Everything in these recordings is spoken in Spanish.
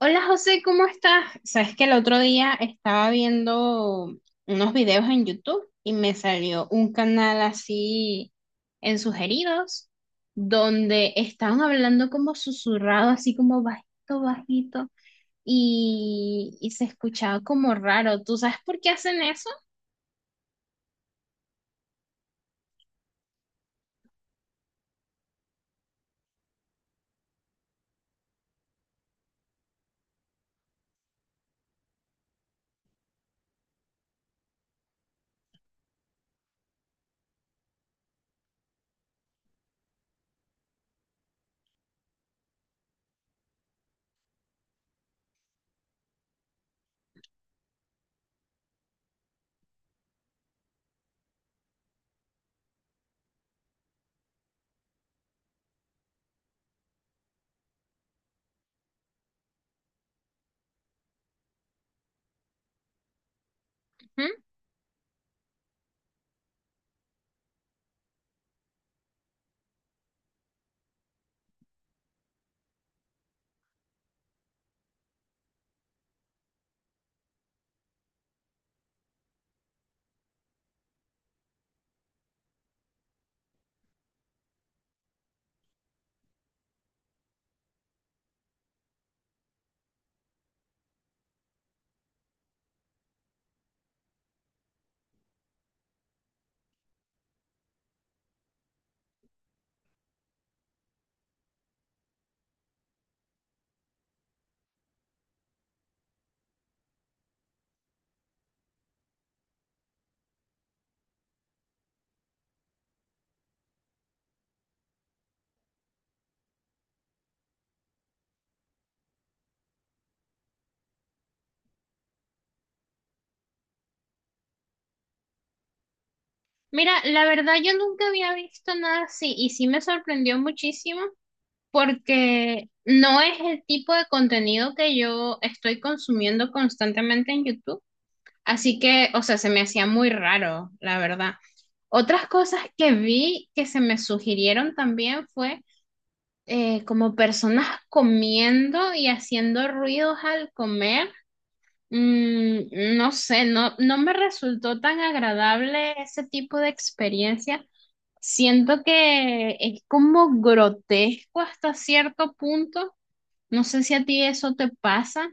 Hola José, ¿cómo estás? Sabes que el otro día estaba viendo unos videos en YouTube y me salió un canal así en sugeridos donde estaban hablando como susurrado, así como bajito, bajito y se escuchaba como raro. ¿Tú sabes por qué hacen eso? ¿Mm? Mira, la verdad yo nunca había visto nada así y sí me sorprendió muchísimo porque no es el tipo de contenido que yo estoy consumiendo constantemente en YouTube. Así que, o sea, se me hacía muy raro, la verdad. Otras cosas que vi que se me sugirieron también fue como personas comiendo y haciendo ruidos al comer. Mm, no sé, no me resultó tan agradable ese tipo de experiencia. Siento que es como grotesco hasta cierto punto. No sé si a ti eso te pasa.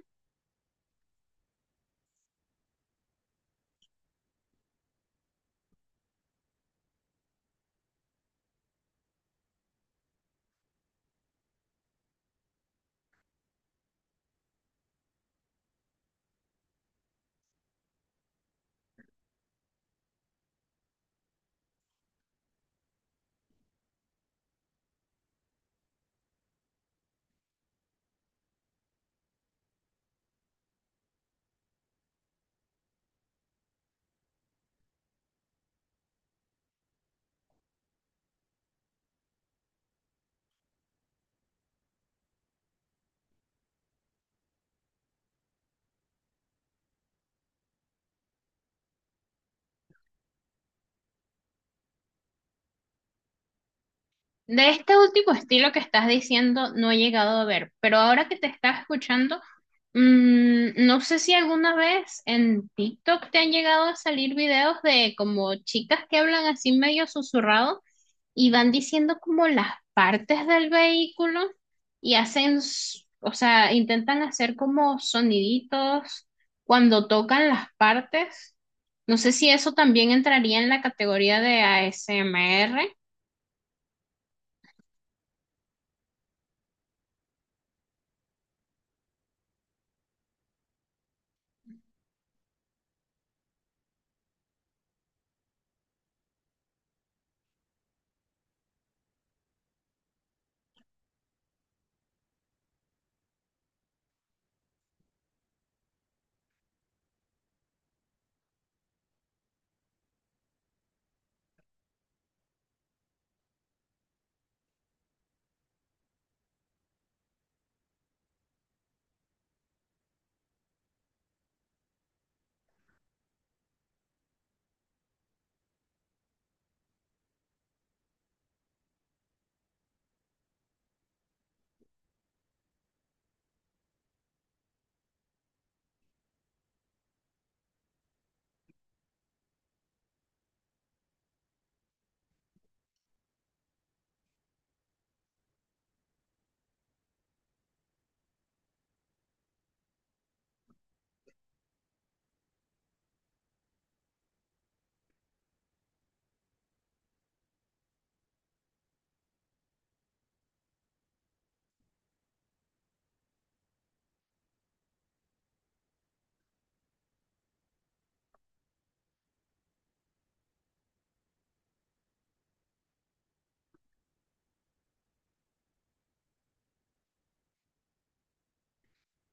De este último estilo que estás diciendo no he llegado a ver, pero ahora que te estás escuchando, mm, no sé si alguna vez en TikTok te han llegado a salir videos de como chicas que hablan así medio susurrado y van diciendo como las partes del vehículo y hacen, o sea, intentan hacer como soniditos cuando tocan las partes. No sé si eso también entraría en la categoría de ASMR.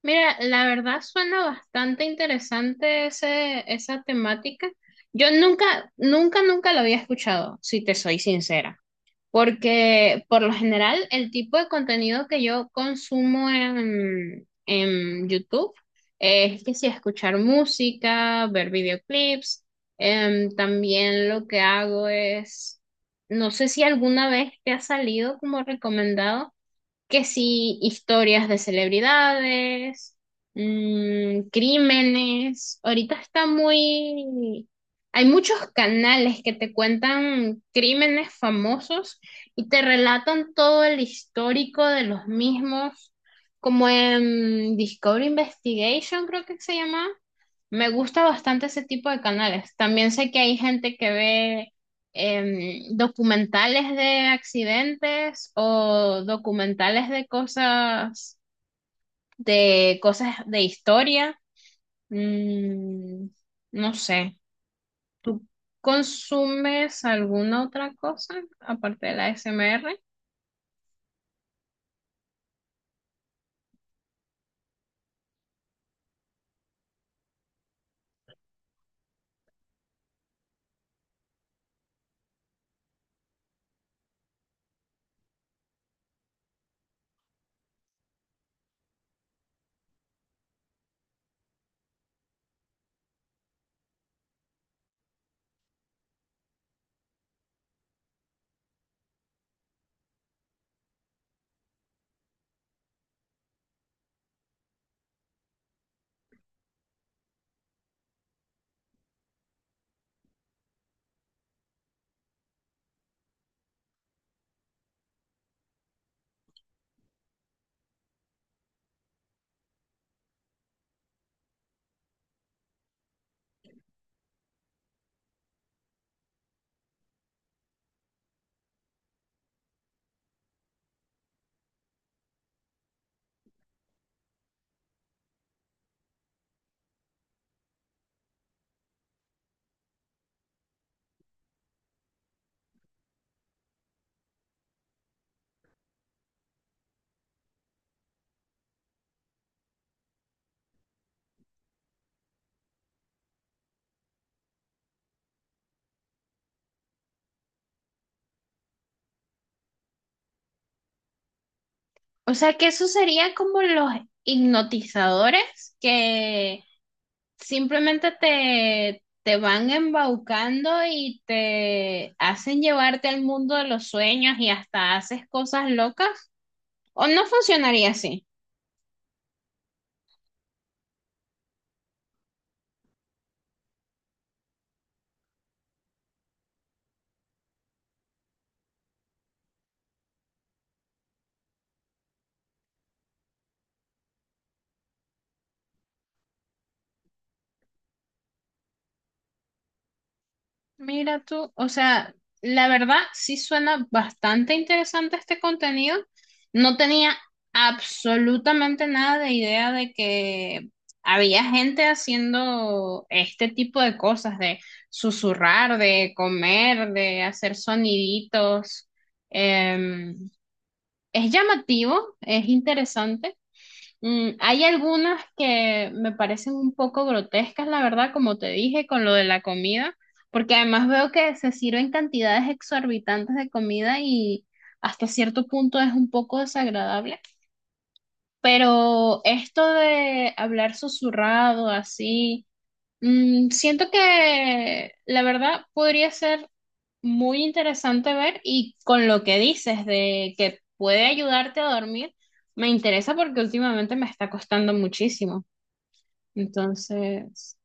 Mira, la verdad suena bastante interesante ese, esa temática. Yo nunca, nunca, nunca lo había escuchado, si te soy sincera, porque por lo general el tipo de contenido que yo consumo en YouTube es que si escuchar música, ver videoclips, también lo que hago es, no sé si alguna vez te ha salido como recomendado que sí, historias de celebridades, mm, crímenes. Ahorita está muy... Hay muchos canales que te cuentan crímenes famosos y te relatan todo el histórico de los mismos, como en Discovery Investigation, creo que se llama. Me gusta bastante ese tipo de canales. También sé que hay gente que ve documentales de accidentes o documentales de cosas, de cosas de historia. Mm, no sé. ¿Tú consumes alguna otra cosa aparte de la A S M R? O sea que eso sería como los hipnotizadores que simplemente te, te van embaucando y te hacen llevarte al mundo de los sueños y hasta haces cosas locas. O no funcionaría así. Mira tú, o sea, la verdad sí suena bastante interesante este contenido. No tenía absolutamente nada de idea de que había gente haciendo este tipo de cosas, de susurrar, de comer, de hacer soniditos. Em, es llamativo, es interesante. Mm, hay algunas que me parecen un poco grotescas, la verdad, como te dije, con lo de la comida, porque además veo que se sirven cantidades exorbitantes de comida y hasta cierto punto es un poco desagradable. Pero esto de hablar susurrado así, mm, siento que la verdad podría ser muy interesante ver y con lo que dices de que puede ayudarte a dormir, me interesa porque últimamente me está costando muchísimo. Entonces,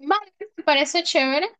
vale, me parece chévere.